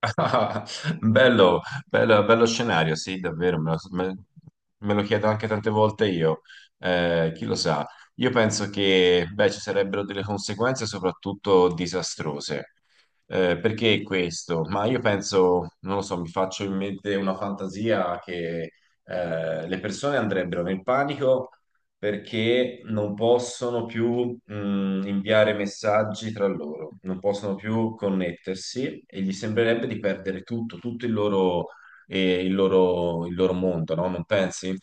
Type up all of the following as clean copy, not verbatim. Ah, Bello, bello scenario, sì, davvero, me lo chiedo anche tante volte io, chi lo sa. Io penso che, beh, ci sarebbero delle conseguenze soprattutto disastrose. Perché questo? Ma io penso, non lo so, mi faccio in mente una fantasia che le persone andrebbero nel panico perché non possono più inviare messaggi tra loro, non possono più connettersi e gli sembrerebbe di perdere tutto, tutto il loro, il loro mondo, no? Non pensi?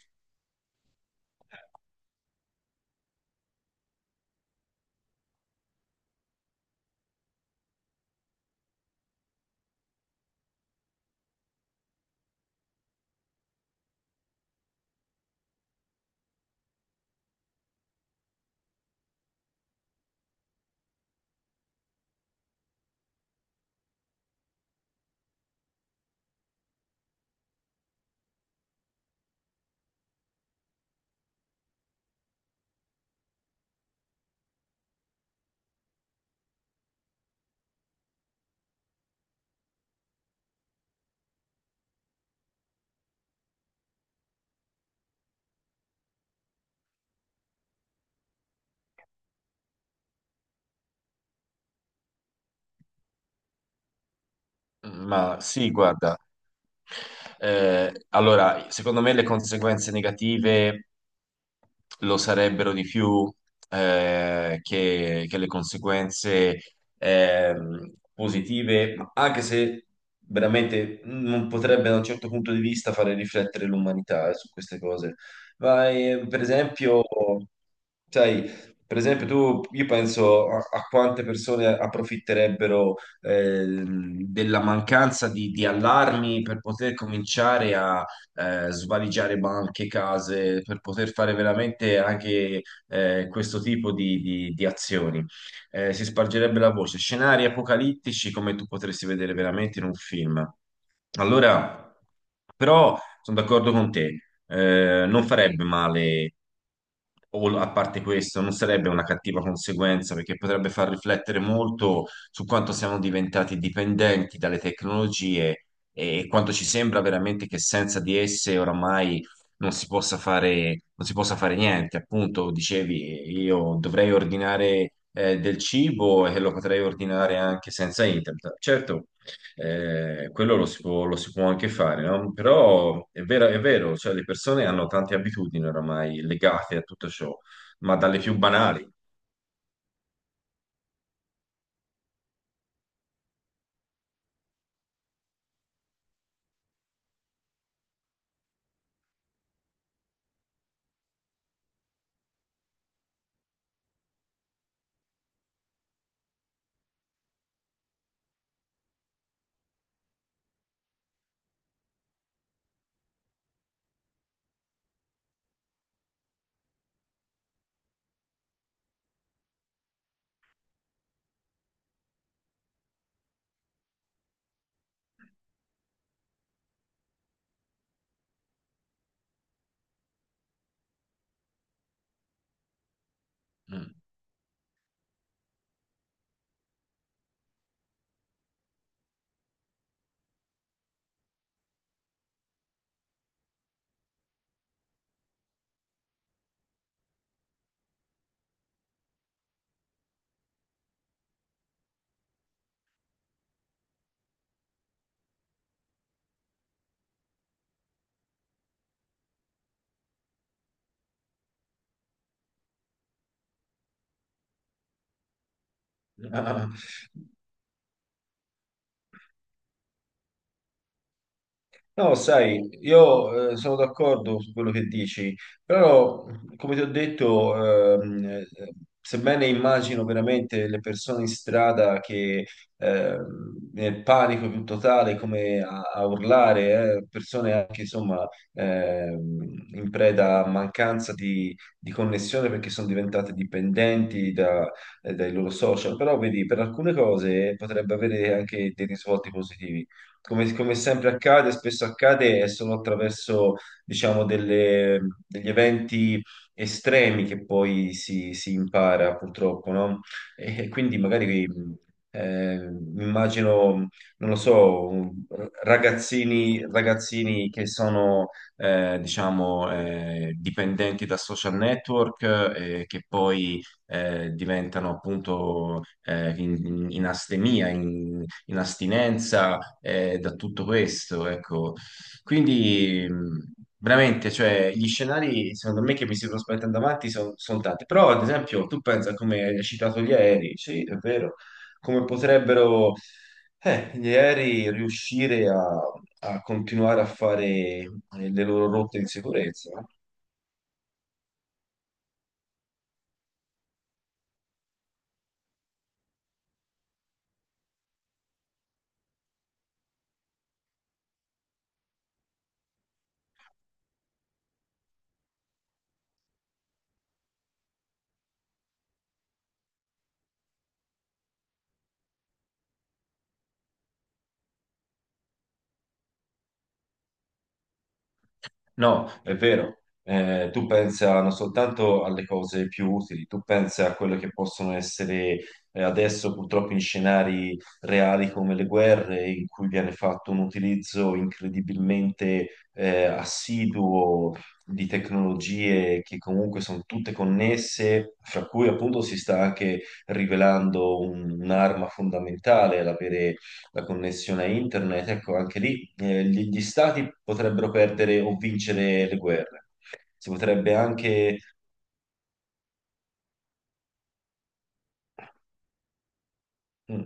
Ma sì, guarda. Allora, secondo me le conseguenze negative lo sarebbero di più che le conseguenze positive, ma anche se veramente non potrebbe da un certo punto di vista fare riflettere l'umanità su queste cose. Ma per esempio, sai, per esempio tu, io penso a, a quante persone approfitterebbero eh, della mancanza di allarmi per poter cominciare a svaligiare banche, case, per poter fare veramente anche questo tipo di azioni. Si spargerebbe la voce. Scenari apocalittici come tu potresti vedere veramente in un film. Allora, però sono d'accordo con te, non farebbe male, o a parte questo, non sarebbe una cattiva conseguenza perché potrebbe far riflettere molto su quanto siamo diventati dipendenti dalle tecnologie e quanto ci sembra veramente che senza di esse oramai non si possa fare niente. Appunto, dicevi, io dovrei ordinare del cibo e lo potrei ordinare anche senza internet. Certo, quello lo si può anche fare, no? Però è vero, cioè le persone hanno tante abitudini oramai legate a tutto ciò, ma dalle più banali. Mm. No, sai, io sono d'accordo su quello che dici, però come ti ho detto, ehm, eh, sebbene immagino veramente le persone in strada che nel panico più totale, come a urlare, persone anche insomma in preda a mancanza di connessione perché sono diventate dipendenti dai loro social, però vedi, per alcune cose potrebbe avere anche dei risvolti positivi come, come sempre accade, spesso accade, è solo attraverso, diciamo, degli eventi estremi che poi si impara, purtroppo, no? E quindi magari mi immagino, non lo so, ragazzini che sono, diciamo, dipendenti da social network che poi diventano appunto in astinenza da tutto questo, ecco. Quindi veramente, cioè, gli scenari secondo me che mi si sono spaventando avanti sono tanti, però ad esempio tu pensa come hai citato gli aerei, sì, è vero, come potrebbero gli aerei riuscire a continuare a fare le loro rotte di sicurezza. No, è vero. Tu pensa non soltanto alle cose più utili, tu pensa a quelle che possono essere adesso purtroppo in scenari reali come le guerre, in cui viene fatto un utilizzo incredibilmente assiduo di tecnologie che comunque sono tutte connesse, fra cui appunto si sta anche rivelando un'arma fondamentale l'avere la connessione a internet, ecco, anche lì gli stati potrebbero perdere o vincere le guerre. Si potrebbe anche Mm.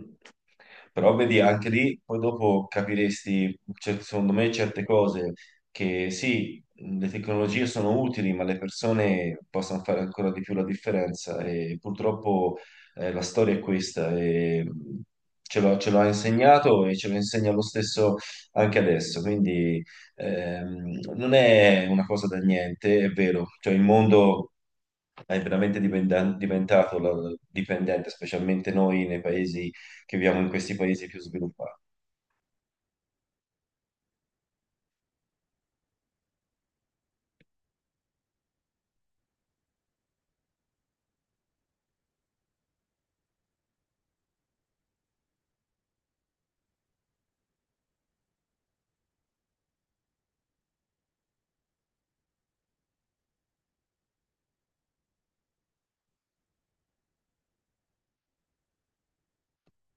Però vedi, anche lì poi dopo capiresti, cioè, secondo me, certe cose che sì, le tecnologie sono utili, ma le persone possono fare ancora di più la differenza e purtroppo la storia è questa e ce l'ha insegnato e ce lo insegna lo stesso anche adesso, quindi non è una cosa da niente, è vero, cioè il mondo è veramente dipendente, specialmente noi nei paesi che viviamo in questi paesi più sviluppati.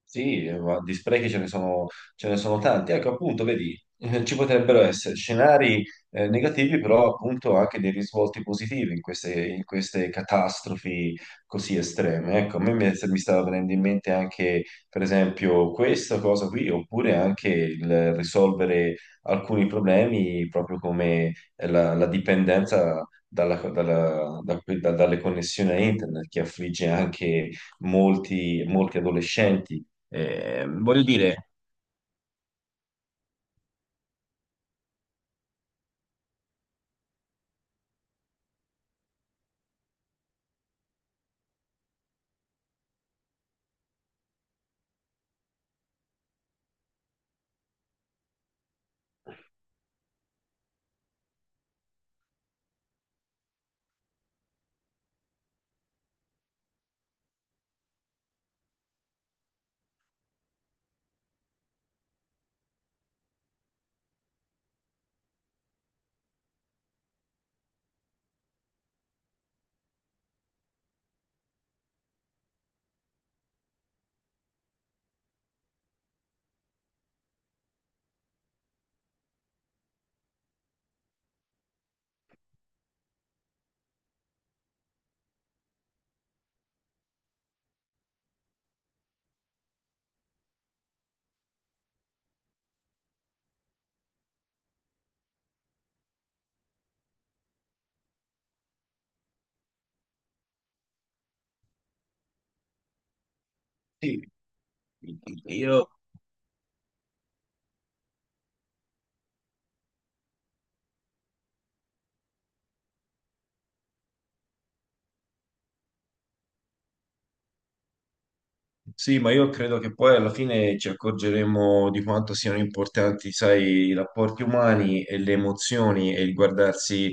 Sì, ma di sprechi ce ne sono tanti. Ecco, appunto, vedi, ci potrebbero essere scenari negativi, però appunto anche dei risvolti positivi in in queste catastrofi così estreme. Ecco, mi stava venendo in mente anche, per esempio, questa cosa qui, oppure anche il risolvere alcuni problemi, proprio come la dipendenza dalle connessioni a internet, che affligge anche molti, molti adolescenti voglio dire, sì, io Sì, ma io credo che poi alla fine ci accorgeremo di quanto siano importanti, sai, i rapporti umani e le emozioni e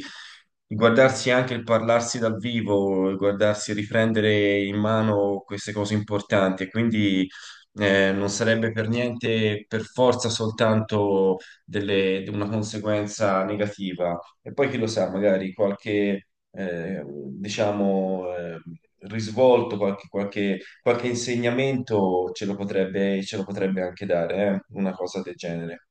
il guardarsi e anche il parlarsi dal vivo, il guardarsi e riprendere in mano queste cose importanti. E quindi non sarebbe per niente, per forza, soltanto una conseguenza negativa. E poi chi lo sa, magari qualche, diciamo, risvolto, qualche qualche insegnamento ce lo potrebbe anche dare, una cosa del genere.